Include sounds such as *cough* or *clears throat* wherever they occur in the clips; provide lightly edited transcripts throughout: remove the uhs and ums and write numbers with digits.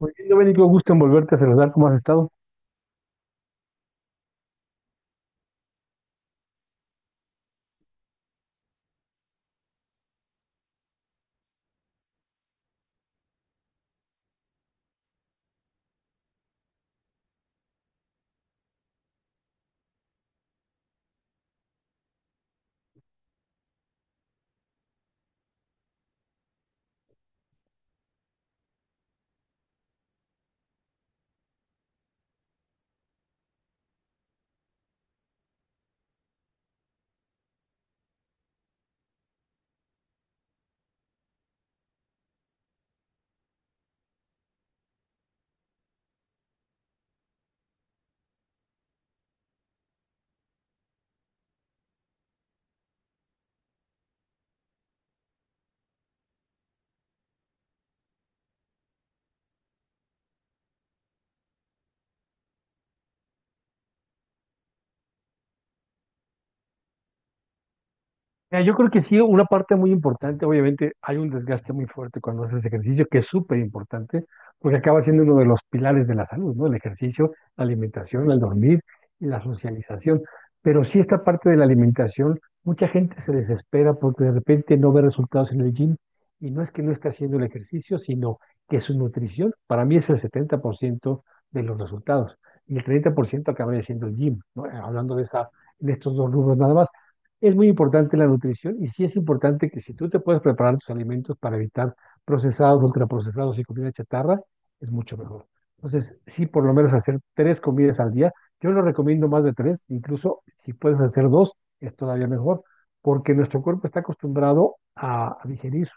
Muy bien, Domenico, gusto en volverte a saludar. ¿Cómo has estado? Mira, yo creo que sí, una parte muy importante, obviamente hay un desgaste muy fuerte cuando haces ejercicio, que es súper importante, porque acaba siendo uno de los pilares de la salud, ¿no? El ejercicio, la alimentación, el dormir y la socialización. Pero sí esta parte de la alimentación, mucha gente se desespera porque de repente no ve resultados en el gym y no es que no esté haciendo el ejercicio, sino que su nutrición, para mí es el 70% de los resultados y el 30% acabaría siendo el gym, ¿no? Hablando de esa, en estos dos rubros nada más. Es muy importante la nutrición y sí es importante que si tú te puedes preparar tus alimentos para evitar procesados, ultraprocesados y comida chatarra, es mucho mejor. Entonces, sí, por lo menos hacer tres comidas al día. Yo no recomiendo más de tres, incluso si puedes hacer dos, es todavía mejor, porque nuestro cuerpo está acostumbrado a, a digerir,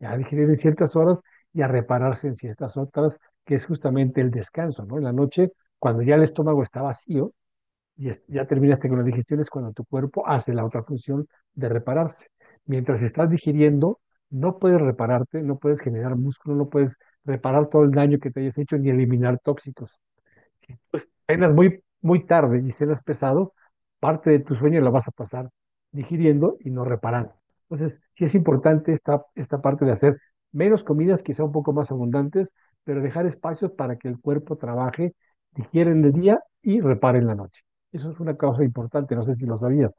a digerir en ciertas horas y a repararse en ciertas otras, que es justamente el descanso, ¿no? En la noche, cuando ya el estómago está vacío, y ya terminaste con la digestión, es cuando tu cuerpo hace la otra función de repararse. Mientras estás digiriendo, no puedes repararte, no puedes generar músculo, no puedes reparar todo el daño que te hayas hecho ni eliminar tóxicos. Si tú cenas muy, muy tarde y cenas pesado, parte de tu sueño la vas a pasar digiriendo y no reparando. Entonces, sí es importante esta parte de hacer menos comidas, quizá un poco más abundantes, pero dejar espacios para que el cuerpo trabaje, digiere en el día y repare en la noche. Eso es una causa importante, no sé si lo sabías.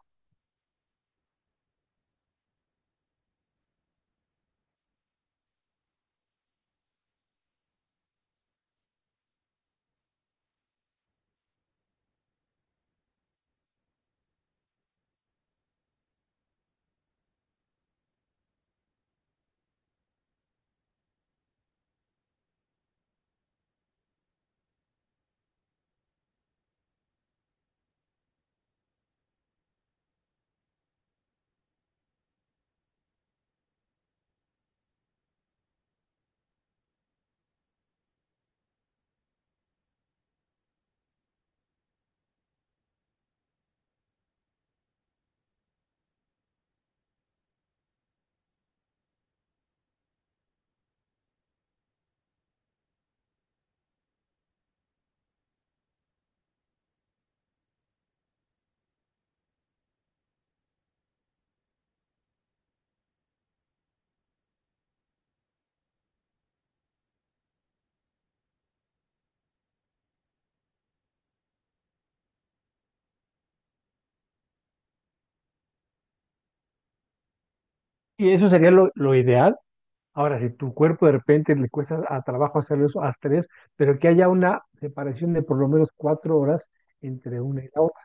Y eso sería lo ideal. Ahora, si tu cuerpo de repente le cuesta a trabajo hacer eso, haz tres, pero que haya una separación de por lo menos 4 horas entre una y la otra.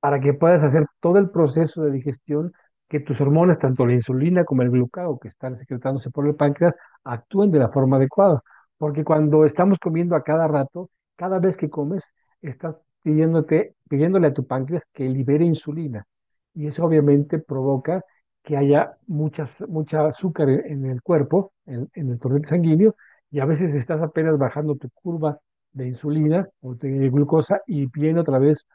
Para que puedas hacer todo el proceso de digestión, que tus hormonas, tanto la insulina como el glucagón que están secretándose por el páncreas, actúen de la forma adecuada. Porque cuando estamos comiendo a cada rato, cada vez que comes, estás pidiéndote, pidiéndole a tu páncreas que libere insulina. Y eso obviamente provoca que haya muchas, mucha azúcar en el cuerpo, en el torrente sanguíneo, y a veces estás apenas bajando tu curva de insulina o de glucosa y viene otra vez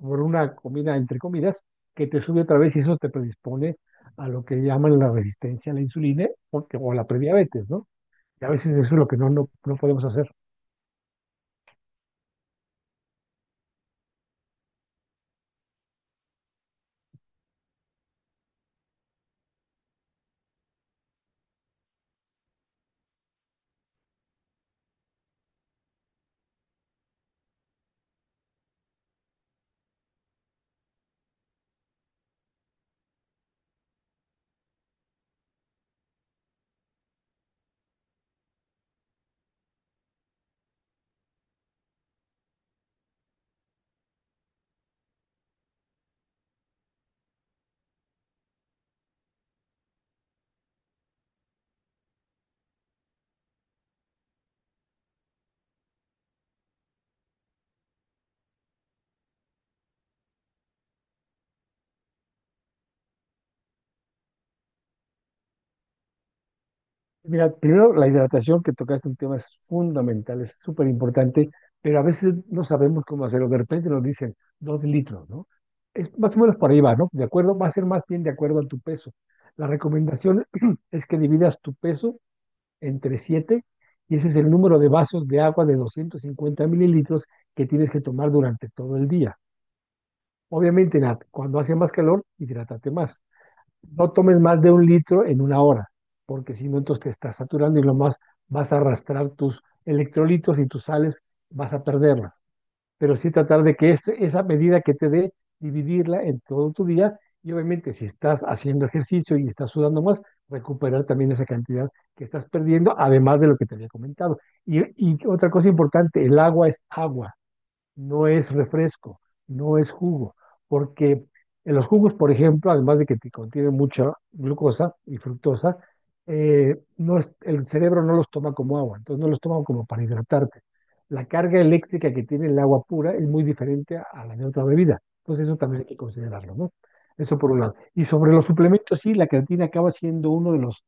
por una comida, entre comidas, que te sube otra vez y eso te predispone a lo que llaman la resistencia a la insulina porque, o a la prediabetes, ¿no? Y a veces eso es lo que no podemos hacer. Mira, primero la hidratación que tocaste un tema es fundamental, es súper importante, pero a veces no sabemos cómo hacerlo. De repente nos dicen 2 litros, ¿no? Es más o menos por ahí va, ¿no? De acuerdo, va a ser más bien de acuerdo a tu peso. La recomendación *clears throat* es que dividas tu peso entre 7 y ese es el número de vasos de agua de 250 mililitros que tienes que tomar durante todo el día. Obviamente, Nat, cuando hace más calor, hidrátate más. No tomes más de 1 litro en 1 hora, porque si no, entonces te estás saturando y lo más vas a arrastrar tus electrolitos y tus sales, vas a perderlas, pero sí tratar de que esa medida que te dé, dividirla en todo tu día y obviamente si estás haciendo ejercicio y estás sudando más, recuperar también esa cantidad que estás perdiendo, además de lo que te había comentado. Y otra cosa importante, el agua es agua, no es refresco, no es jugo, porque en los jugos, por ejemplo, además de que te contienen mucha glucosa y fructosa, el cerebro no los toma como agua, entonces no los toma como para hidratarte. La carga eléctrica que tiene el agua pura es muy diferente a la de otra bebida, entonces eso también hay que considerarlo, ¿no? Eso por un lado. Y sobre los suplementos, sí, la creatina acaba siendo uno de los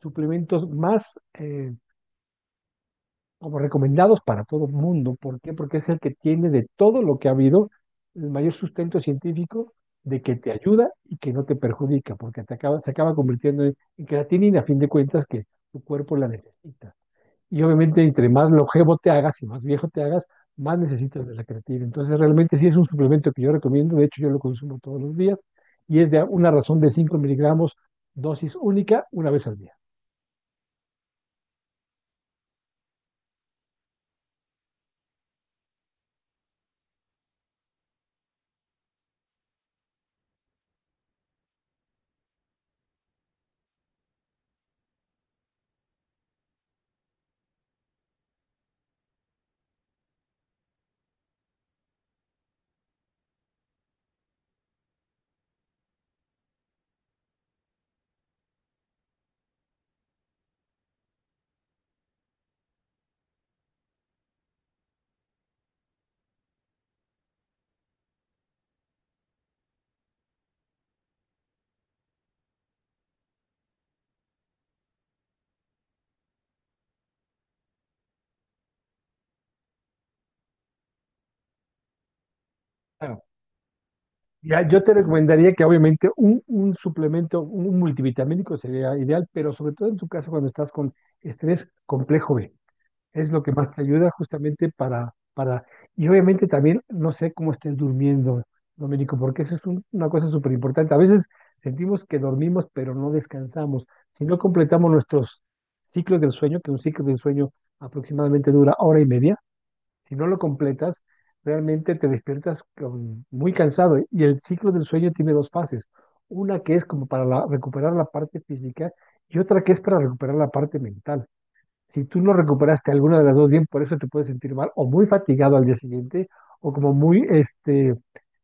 suplementos más como recomendados para todo el mundo. ¿Por qué? Porque es el que tiene de todo lo que ha habido el mayor sustento científico de que te ayuda y que no te perjudica, porque te acaba, se acaba convirtiendo en creatinina, a fin de cuentas, que tu cuerpo la necesita. Y obviamente, entre más longevo te hagas y más viejo te hagas, más necesitas de la creatina. Entonces, realmente sí es un suplemento que yo recomiendo, de hecho yo lo consumo todos los días, y es de una razón de 5 miligramos, dosis única, una vez al día. Claro. Ya, yo te recomendaría que obviamente un suplemento, un multivitamínico sería ideal, pero sobre todo en tu caso cuando estás con estrés, complejo B, es lo que más te ayuda justamente y obviamente también no sé cómo estés durmiendo, Domenico, porque eso es una cosa súper importante. A veces sentimos que dormimos, pero no descansamos. Si no completamos nuestros ciclos del sueño, que un ciclo del sueño aproximadamente dura hora y media, si no lo completas, realmente te despiertas muy cansado, ¿eh? Y el ciclo del sueño tiene dos fases. Una que es como para recuperar la parte física y otra que es para recuperar la parte mental. Si tú no recuperaste alguna de las dos bien, por eso te puedes sentir mal o muy fatigado al día siguiente o como muy, este,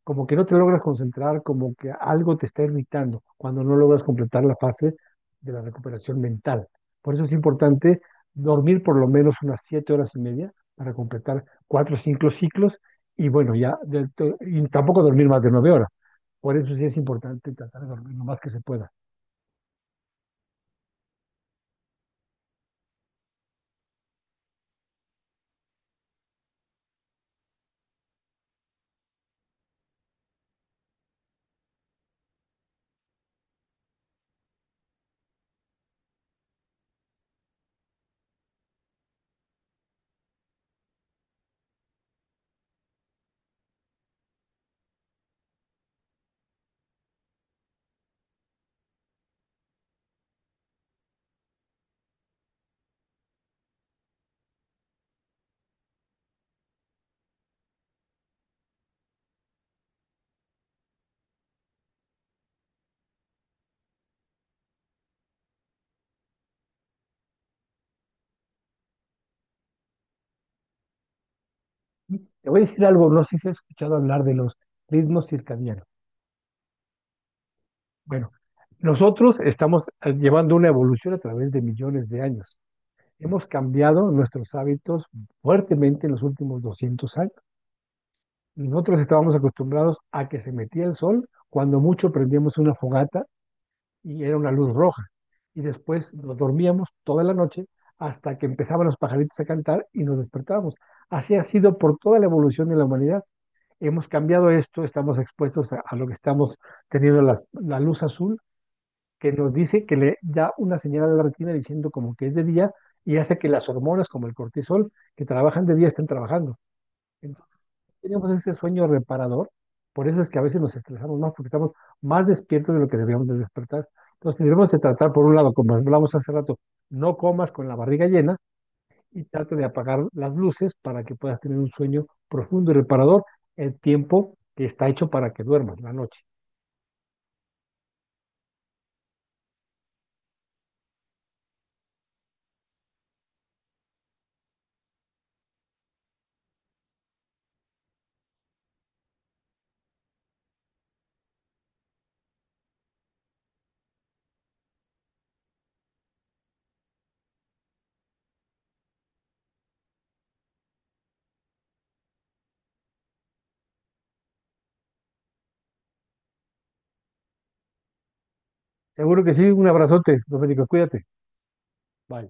como que no te logras concentrar, como que algo te está irritando cuando no logras completar la fase de la recuperación mental. Por eso es importante dormir por lo menos unas 7 horas y media para completar cuatro o cinco ciclos y bueno, ya, y tampoco dormir más de 9 horas. Por eso sí es importante tratar de dormir lo más que se pueda. Te voy a decir algo, no sé si has escuchado hablar de los ritmos circadianos. Bueno, nosotros estamos llevando una evolución a través de millones de años. Hemos cambiado nuestros hábitos fuertemente en los últimos 200 años. Nosotros estábamos acostumbrados a que se metía el sol, cuando mucho prendíamos una fogata y era una luz roja. Y después nos dormíamos toda la noche hasta que empezaban los pajaritos a cantar y nos despertábamos. Así ha sido por toda la evolución de la humanidad. Hemos cambiado esto, estamos expuestos a lo que estamos teniendo la luz azul que nos dice, que le da una señal a la retina diciendo como que es de día y hace que las hormonas como el cortisol que trabajan de día estén trabajando. Entonces, tenemos ese sueño reparador, por eso es que a veces nos estresamos más porque estamos más despiertos de lo que deberíamos de despertar. Entonces, debemos de tratar, por un lado, como hablamos hace rato, no comas con la barriga llena y trate de apagar las luces para que puedas tener un sueño profundo y reparador el tiempo que está hecho para que duermas la noche. Seguro que sí, un abrazote, Domenico, cuídate. Bye.